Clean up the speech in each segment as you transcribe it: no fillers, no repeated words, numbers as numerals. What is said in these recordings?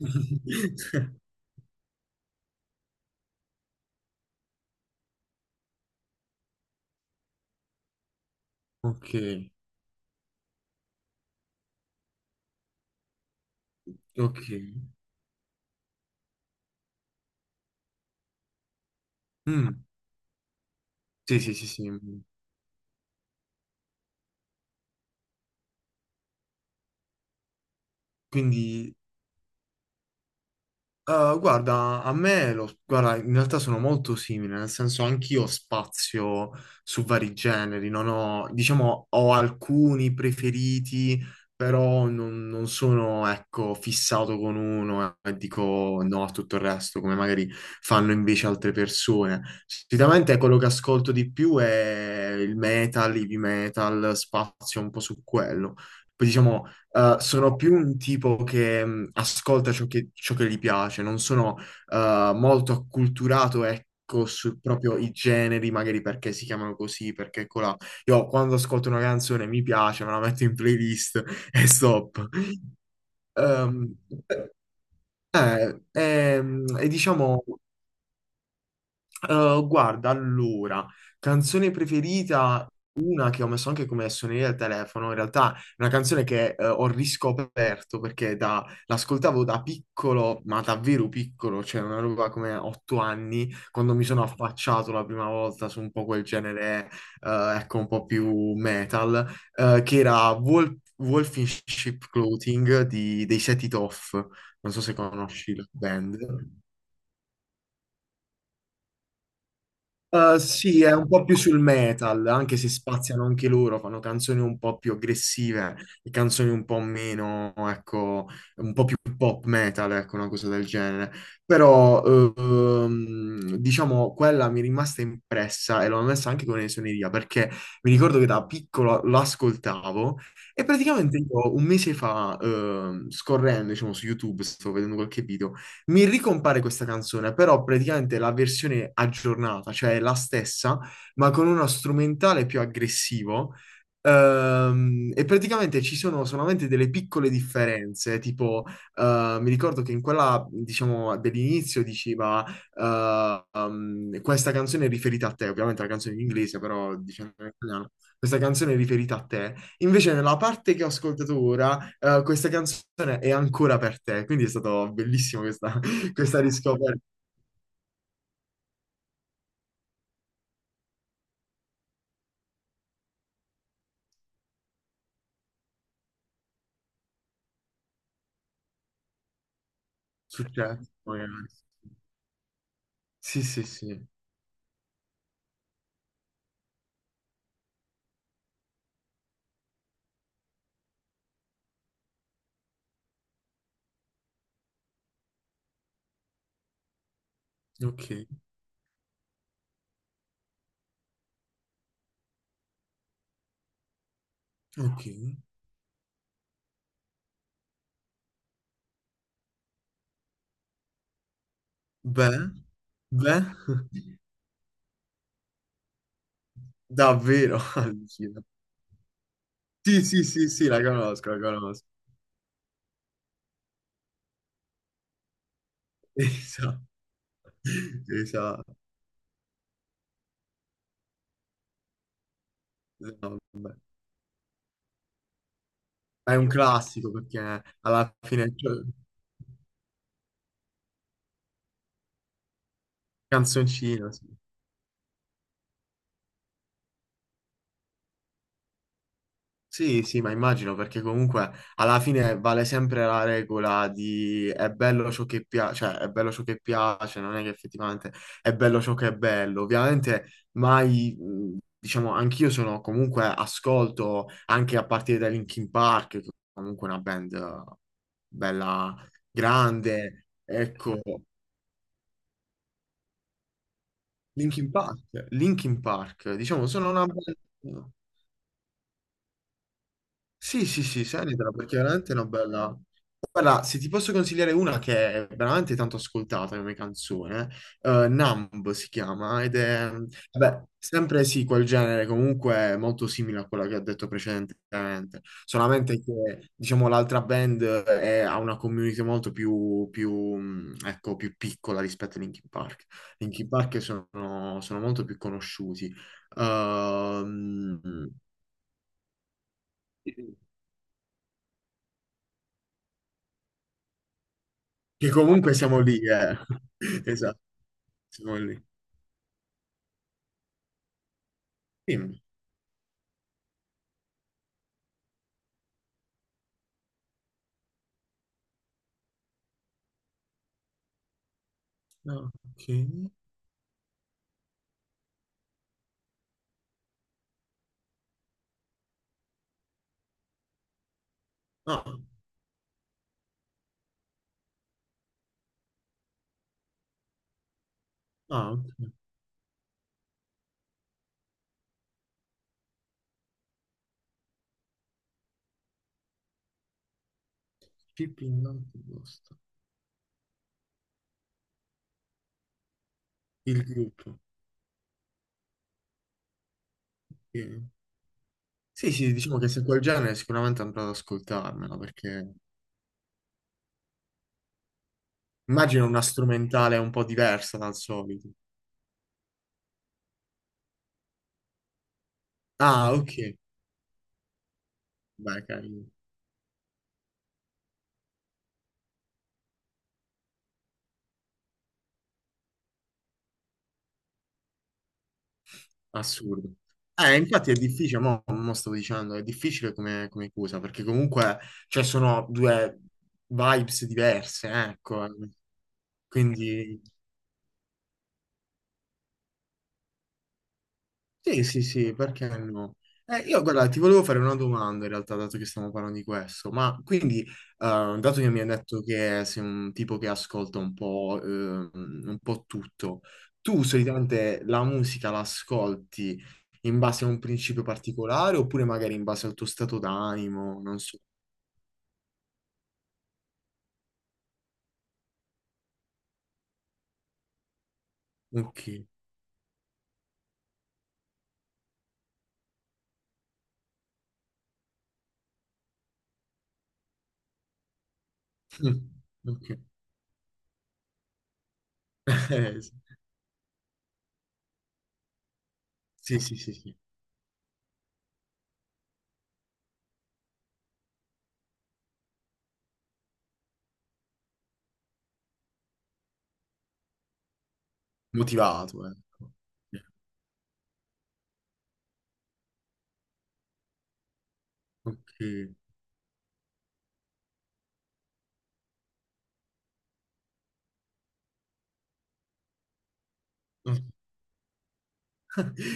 Ok, ok. Mm, Sì, sì, sì, sì. Quindi guarda, guarda, in realtà sono molto simile, nel senso anch'io spazio su vari generi, non ho, diciamo, ho alcuni preferiti, però non sono, ecco, fissato con uno e dico no a tutto il resto, come magari fanno invece altre persone. Sicuramente quello che ascolto di più è il metal, heavy metal, spazio un po' su quello. Poi diciamo, sono più un tipo che ascolta ciò che gli piace, non sono molto acculturato, ecco, su proprio i generi, magari perché si chiamano così, perché colà. Io quando ascolto una canzone mi piace, me la metto in playlist e stop. Um, eh, e diciamo. Guarda, allora, canzone preferita, una che ho messo anche come suoneria al telefono, in realtà è una canzone che ho riscoperto perché l'ascoltavo da piccolo, ma davvero piccolo, cioè una roba come 8 anni, quando mi sono affacciato la prima volta su un po' quel genere, ecco, un po' più metal, che era Wolf, Wolf in Sheep Clothing dei Set It Off, non so se conosci la band. Sì, è un po' più sul metal, anche se spaziano anche loro, fanno canzoni un po' più aggressive e canzoni un po' meno, ecco, un po' più pop metal, ecco, una cosa del genere. Però, diciamo, quella mi è rimasta impressa e l'ho messa anche come suoneria, perché mi ricordo che da piccolo l'ascoltavo e praticamente io un mese fa, scorrendo, diciamo, su YouTube, stavo vedendo qualche video, mi ricompare questa canzone, però praticamente la versione aggiornata, cioè la stessa, ma con uno strumentale più aggressivo. E praticamente ci sono solamente delle piccole differenze, tipo mi ricordo che in quella, diciamo, dell'inizio diceva questa canzone è riferita a te, ovviamente la canzone in inglese, però diciamo in italiano, questa canzone è riferita a te. Invece nella parte che ho ascoltato ora questa canzone è ancora per te, quindi è stato bellissimo questa, questa riscoperta. Successo, magari. Sì, sì, sì. Ok, ok. Beh, beh, davvero. Allucina. Sì, sì, sì, sì, la conosco, la conosco. Esatto, esatto. No, vabbè. È un classico perché alla fine cioè, canzoncino, sì. Sì, sì, ma immagino perché comunque alla fine vale sempre la regola di è bello ciò che piace, cioè è bello ciò che piace, non è che effettivamente è bello ciò che è bello. Ovviamente mai, diciamo, anch'io sono comunque ascolto anche a partire da Linkin Park, che è comunque una band bella grande, ecco, Linkin Park, Linkin Park, diciamo, sono una band. Sì, sì, sì, sentitela perché veramente è una bella... Guarda, se ti posso consigliare una che è veramente tanto ascoltata come canzone, Numb si chiama, ed è, vabbè, sempre sì, quel genere, comunque molto simile a quella che ho detto precedentemente, solamente che, diciamo, ha una community molto più, ecco, più piccola rispetto a Linkin Park. Linkin Park sono molto più conosciuti. Ehm Che comunque siamo lì, eh. Esatto, siamo lì. Dimmi. No, ok. Ah, ah, ok. Keeping up the ghost. Il gruppo. Ok. Sì, sì, diciamo che se quel genere sicuramente andrò ad ascoltarmela, perché immagino una strumentale un po' diversa dal solito. Ah, ok. Beh, carino. Assurdo. Infatti è difficile, mo, mo stavo dicendo, è difficile come, come cosa, perché comunque, cioè, sono due vibes diverse, ecco. Ecco. Quindi... Sì, sì, sì, perché no? Io, guarda, ti volevo fare una domanda in realtà, dato che stiamo parlando di questo, ma quindi, dato che mi hai detto che sei un tipo che ascolta un po' tutto, tu solitamente la musica la ascolti in base a un principio particolare oppure magari in base al tuo stato d'animo, non so. Ok. Mm, Ok. Eh, sì, sì, sì, sì. sì. Motivato, ecco. Ok. Ok.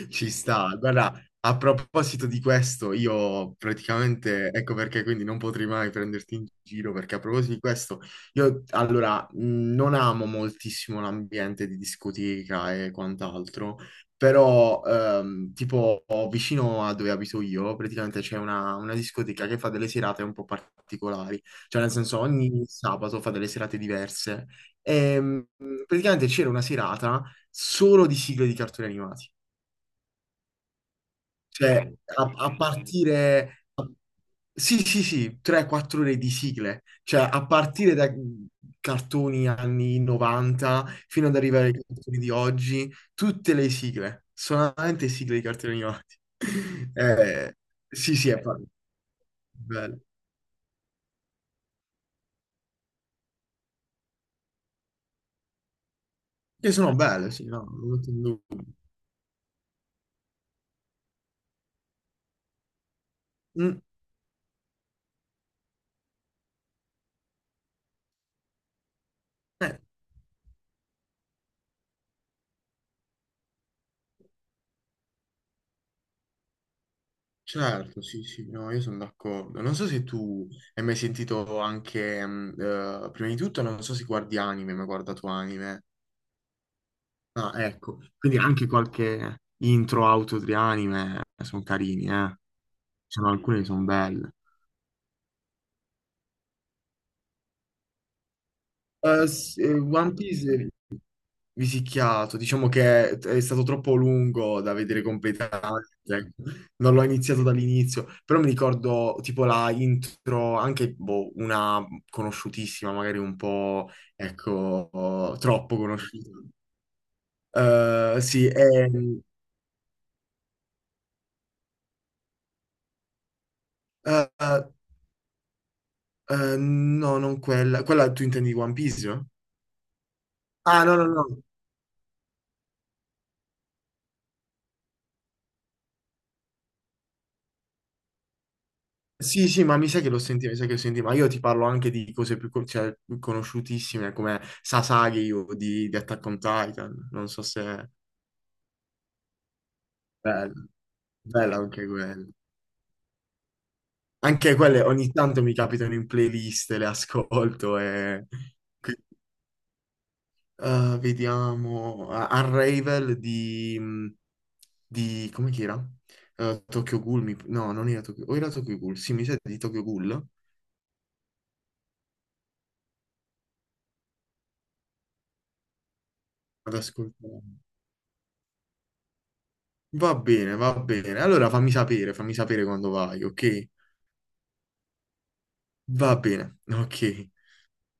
Ci sta. Guarda, a proposito di questo, io praticamente, ecco perché quindi non potrei mai prenderti in giro, perché a proposito di questo, io allora non amo moltissimo l'ambiente di discoteca e quant'altro, però tipo vicino a dove abito io, praticamente c'è una discoteca che fa delle serate un po' particolari, cioè nel senso ogni sabato fa delle serate diverse. E, mh, praticamente c'era una serata solo di sigle di cartoni animati. Cioè, a partire... sì, sì, sì, 3-4 ore di sigle. Cioè, a partire da cartoni anni 90 fino ad arrivare ai cartoni di oggi, tutte le sigle, solamente sigle di cartoni animati. Eh, sì, sì, è pa- bello. Che sono belle, sì, no, non lo metto in dubbio. Mm, eh, Certo, sì, sì, no, io sono d'accordo. Non so se tu hai mai sentito anche, prima di tutto, non so se guardi anime, ma hai guardato anime. Ah, ecco, quindi anche qualche intro auto di anime sono carini, eh. Ci sono alcune che sono belle. One Piece Visicchiato, diciamo che è stato troppo lungo da vedere completamente, ecco. Non l'ho iniziato dall'inizio, però mi ricordo tipo la intro, anche boh, una conosciutissima, magari un po', ecco, troppo conosciuta. Eh, sì, è, eh, eh, no, non quella, quella tu intendi di One Piece? No? Ah, no, no, no. Sì, sì, mi sa che lo senti, ma io ti parlo anche di cose più, cioè, più conosciutissime come Sasagi di Attack on Titan, non so se... Bello, bello anche quello. Anche quelle ogni tanto mi capitano in playlist, le ascolto e... qui- vediamo... Unravel di... come che era? Tokyo Ghoul, no, non era Tokyo... o era Tokyo Ghoul, sì, mi sa di Tokyo Ghoul, ad ascoltare. Va bene, va bene. Allora fammi sapere quando vai, ok? Va bene, ok.